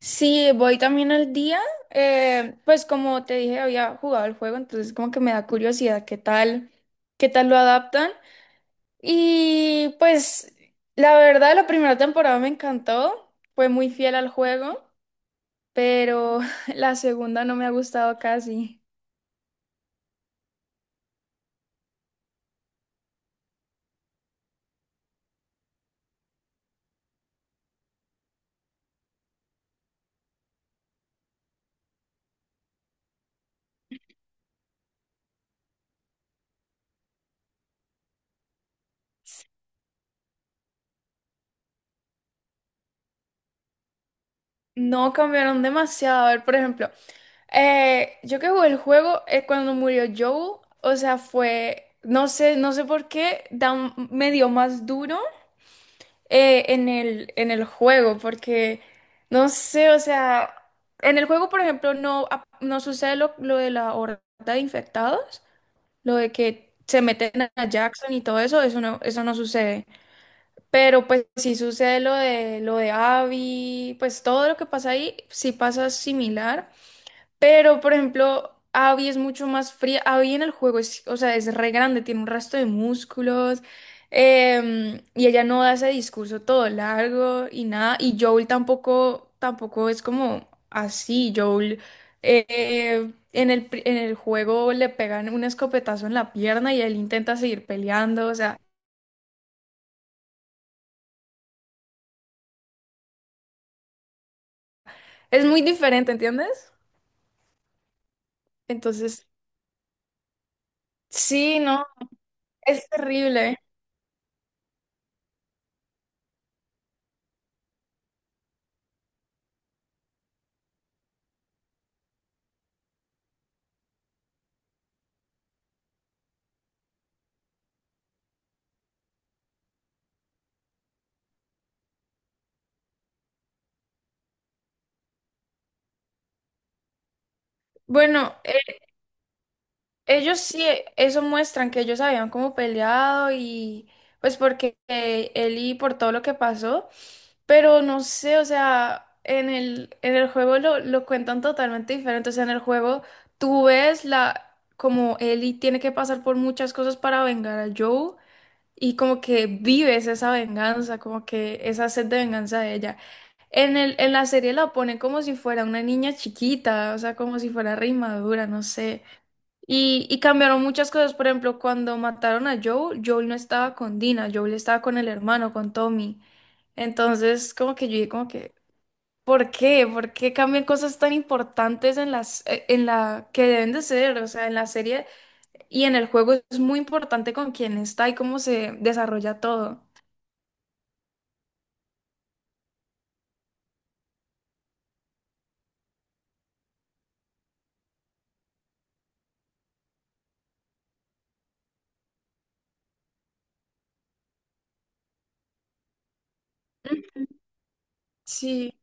Sí, voy también al día. Pues como te dije, había jugado el juego, entonces como que me da curiosidad qué tal lo adaptan. Y pues la verdad, la primera temporada me encantó, fue muy fiel al juego, pero la segunda no me ha gustado casi. No cambiaron demasiado. A ver, por ejemplo, yo que jugué el juego cuando murió Joel, o sea, fue, no sé, no sé por qué, me dio más duro. En el juego, porque no sé, o sea, en el juego, por ejemplo, no, no sucede lo de la horda de infectados, lo de que se meten a Jackson y todo eso, eso no sucede. Pero pues sí sucede lo de Abby, pues todo lo que pasa ahí sí pasa similar. Pero, por ejemplo, Abby es mucho más fría. Abby en el juego es, o sea, es re grande, tiene un resto de músculos. Y ella no da ese discurso todo largo y nada. Y Joel tampoco, tampoco es como así. Joel en en el juego le pegan un escopetazo en la pierna y él intenta seguir peleando. O sea, es muy diferente, ¿entiendes? Entonces, sí, no, es terrible. Bueno, ellos sí, eso muestran que ellos habían como peleado y pues porque él y por todo lo que pasó, pero no sé, o sea, en el juego lo cuentan totalmente diferente, o sea, en el juego tú ves la, como Ellie tiene que pasar por muchas cosas para vengar a Joe y como que vives esa venganza, como que esa sed de venganza de ella. En en la serie la ponen como si fuera una niña chiquita, o sea, como si fuera re inmadura, no sé. Y cambiaron muchas cosas. Por ejemplo, cuando mataron a Joel, Joel no estaba con Dina, Joel estaba con el hermano, con Tommy. Entonces, como que yo dije, como que, ¿por qué? ¿Por qué cambian cosas tan importantes en las, en la que deben de ser? O sea, en la serie y en el juego es muy importante con quién está y cómo se desarrolla todo. Ujú. Sí.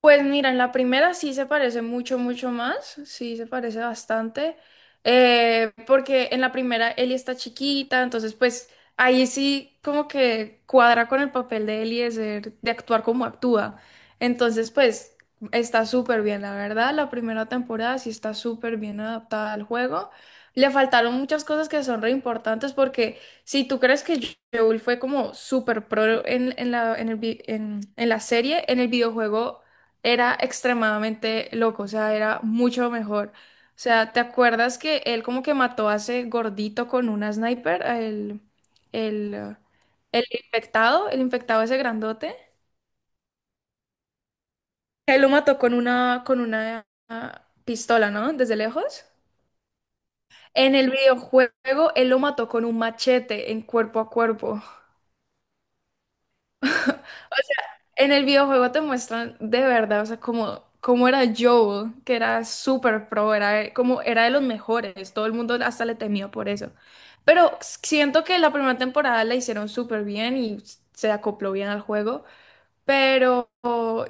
Pues mira, en la primera sí se parece mucho, mucho más, sí se parece bastante, porque en la primera Ellie está chiquita, entonces pues ahí sí como que cuadra con el papel de Ellie de ser, de actuar como actúa. Entonces pues está súper bien, la verdad, la primera temporada sí está súper bien adaptada al juego. Le faltaron muchas cosas que son re importantes porque si tú crees que Joel fue como súper pro en la serie, en el videojuego era extremadamente loco, o sea, era mucho mejor. O sea, ¿te acuerdas que él como que mató a ese gordito con una sniper, a el, el, eh, el infectado ese grandote? Él lo mató con una pistola, ¿no? Desde lejos. En el videojuego, él lo mató con un machete en cuerpo a cuerpo. En el videojuego te muestran de verdad, o sea, cómo, cómo era Joel, que era súper pro, era como era de los mejores, todo el mundo hasta le temía por eso. Pero siento que la primera temporada la hicieron súper bien y se acopló bien al juego. Pero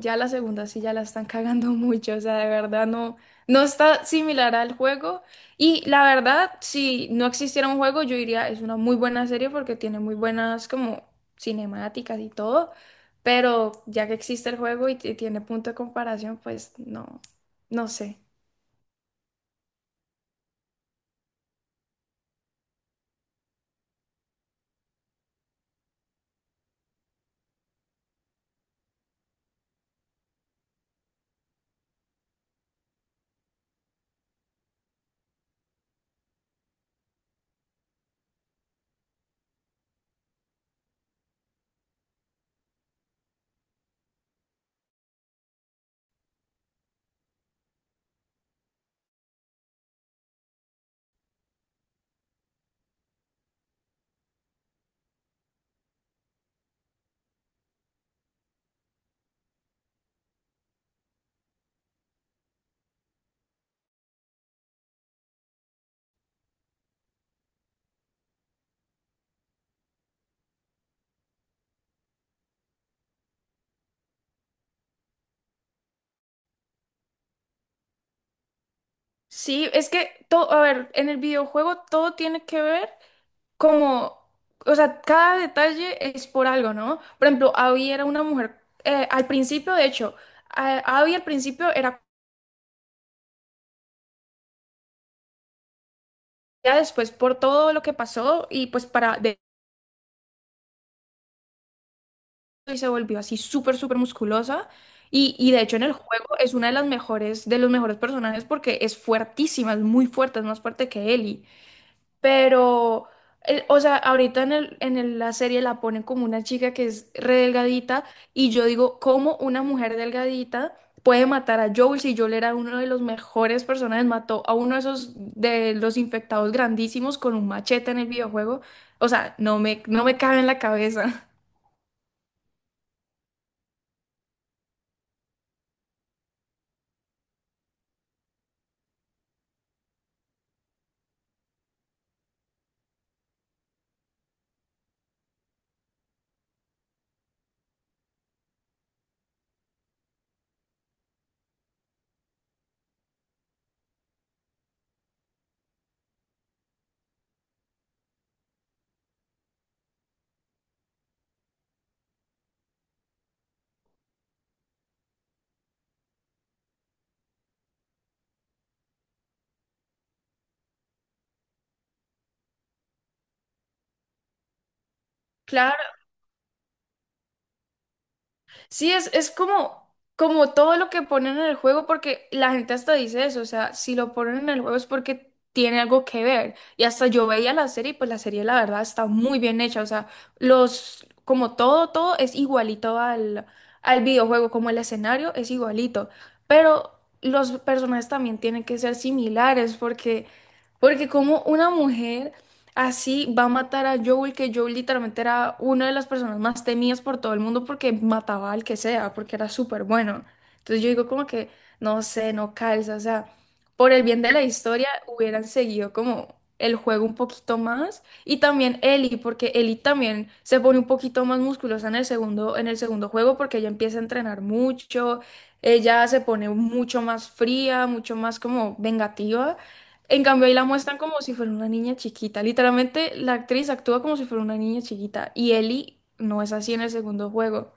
ya la segunda sí ya la están cagando mucho, o sea, de verdad no, no está similar al juego. Y la verdad, si no existiera un juego, yo diría es una muy buena serie porque tiene muy buenas como cinemáticas y todo, pero ya que existe el juego y, tiene punto de comparación, pues no, no sé. Sí, es que todo, a ver, en el videojuego todo tiene que ver como, o sea, cada detalle es por algo, ¿no? Por ejemplo, Abby era una mujer, al principio, de hecho, Abby al principio era, ya después por todo lo que pasó y pues para, de y se volvió así súper, súper musculosa. Y de hecho en el juego es una de las mejores, de los mejores personajes porque es fuertísima, es muy fuerte, es más fuerte que Ellie. Pero, el o sea, ahorita en la serie la ponen como una chica que es re delgadita y yo digo, ¿cómo una mujer delgadita puede matar a Joel si Joel era uno de los mejores personajes? Mató a uno de esos de los infectados grandísimos con un machete en el videojuego. O sea, no me cabe en la cabeza. Sí, es como, como todo lo que ponen en el juego, porque la gente hasta dice eso, o sea, si lo ponen en el juego es porque tiene algo que ver. Y hasta yo veía la serie, y pues la serie la verdad está muy bien hecha, o sea, los, como todo, todo es igualito al, al videojuego, como el escenario es igualito, pero los personajes también tienen que ser similares, porque, porque como una mujer... Así va a matar a Joel, que Joel literalmente era una de las personas más temidas por todo el mundo porque mataba al que sea, porque era súper bueno. Entonces yo digo como que, no sé, no calza, o sea, por el bien de la historia hubieran seguido como el juego un poquito más y también Ellie, porque Ellie también se pone un poquito más musculosa en el segundo juego porque ella empieza a entrenar mucho, ella se pone mucho más fría, mucho más como vengativa. En cambio, ahí la muestran como si fuera una niña chiquita. Literalmente, la actriz actúa como si fuera una niña chiquita. Y Ellie no es así en el segundo juego.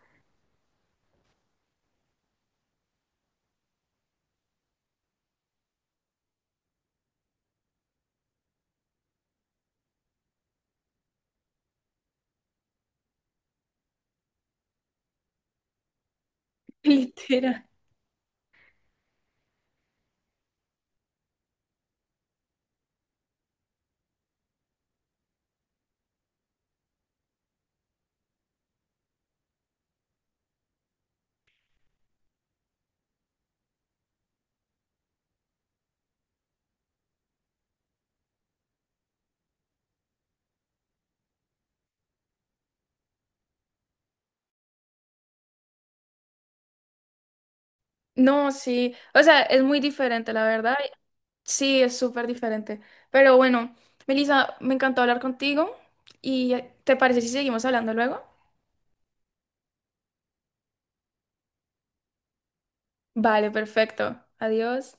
Literal. No, sí. O sea, es muy diferente, la verdad. Sí, es súper diferente. Pero bueno, Melissa, me encantó hablar contigo. ¿Y te parece si seguimos hablando luego? Vale, perfecto. Adiós.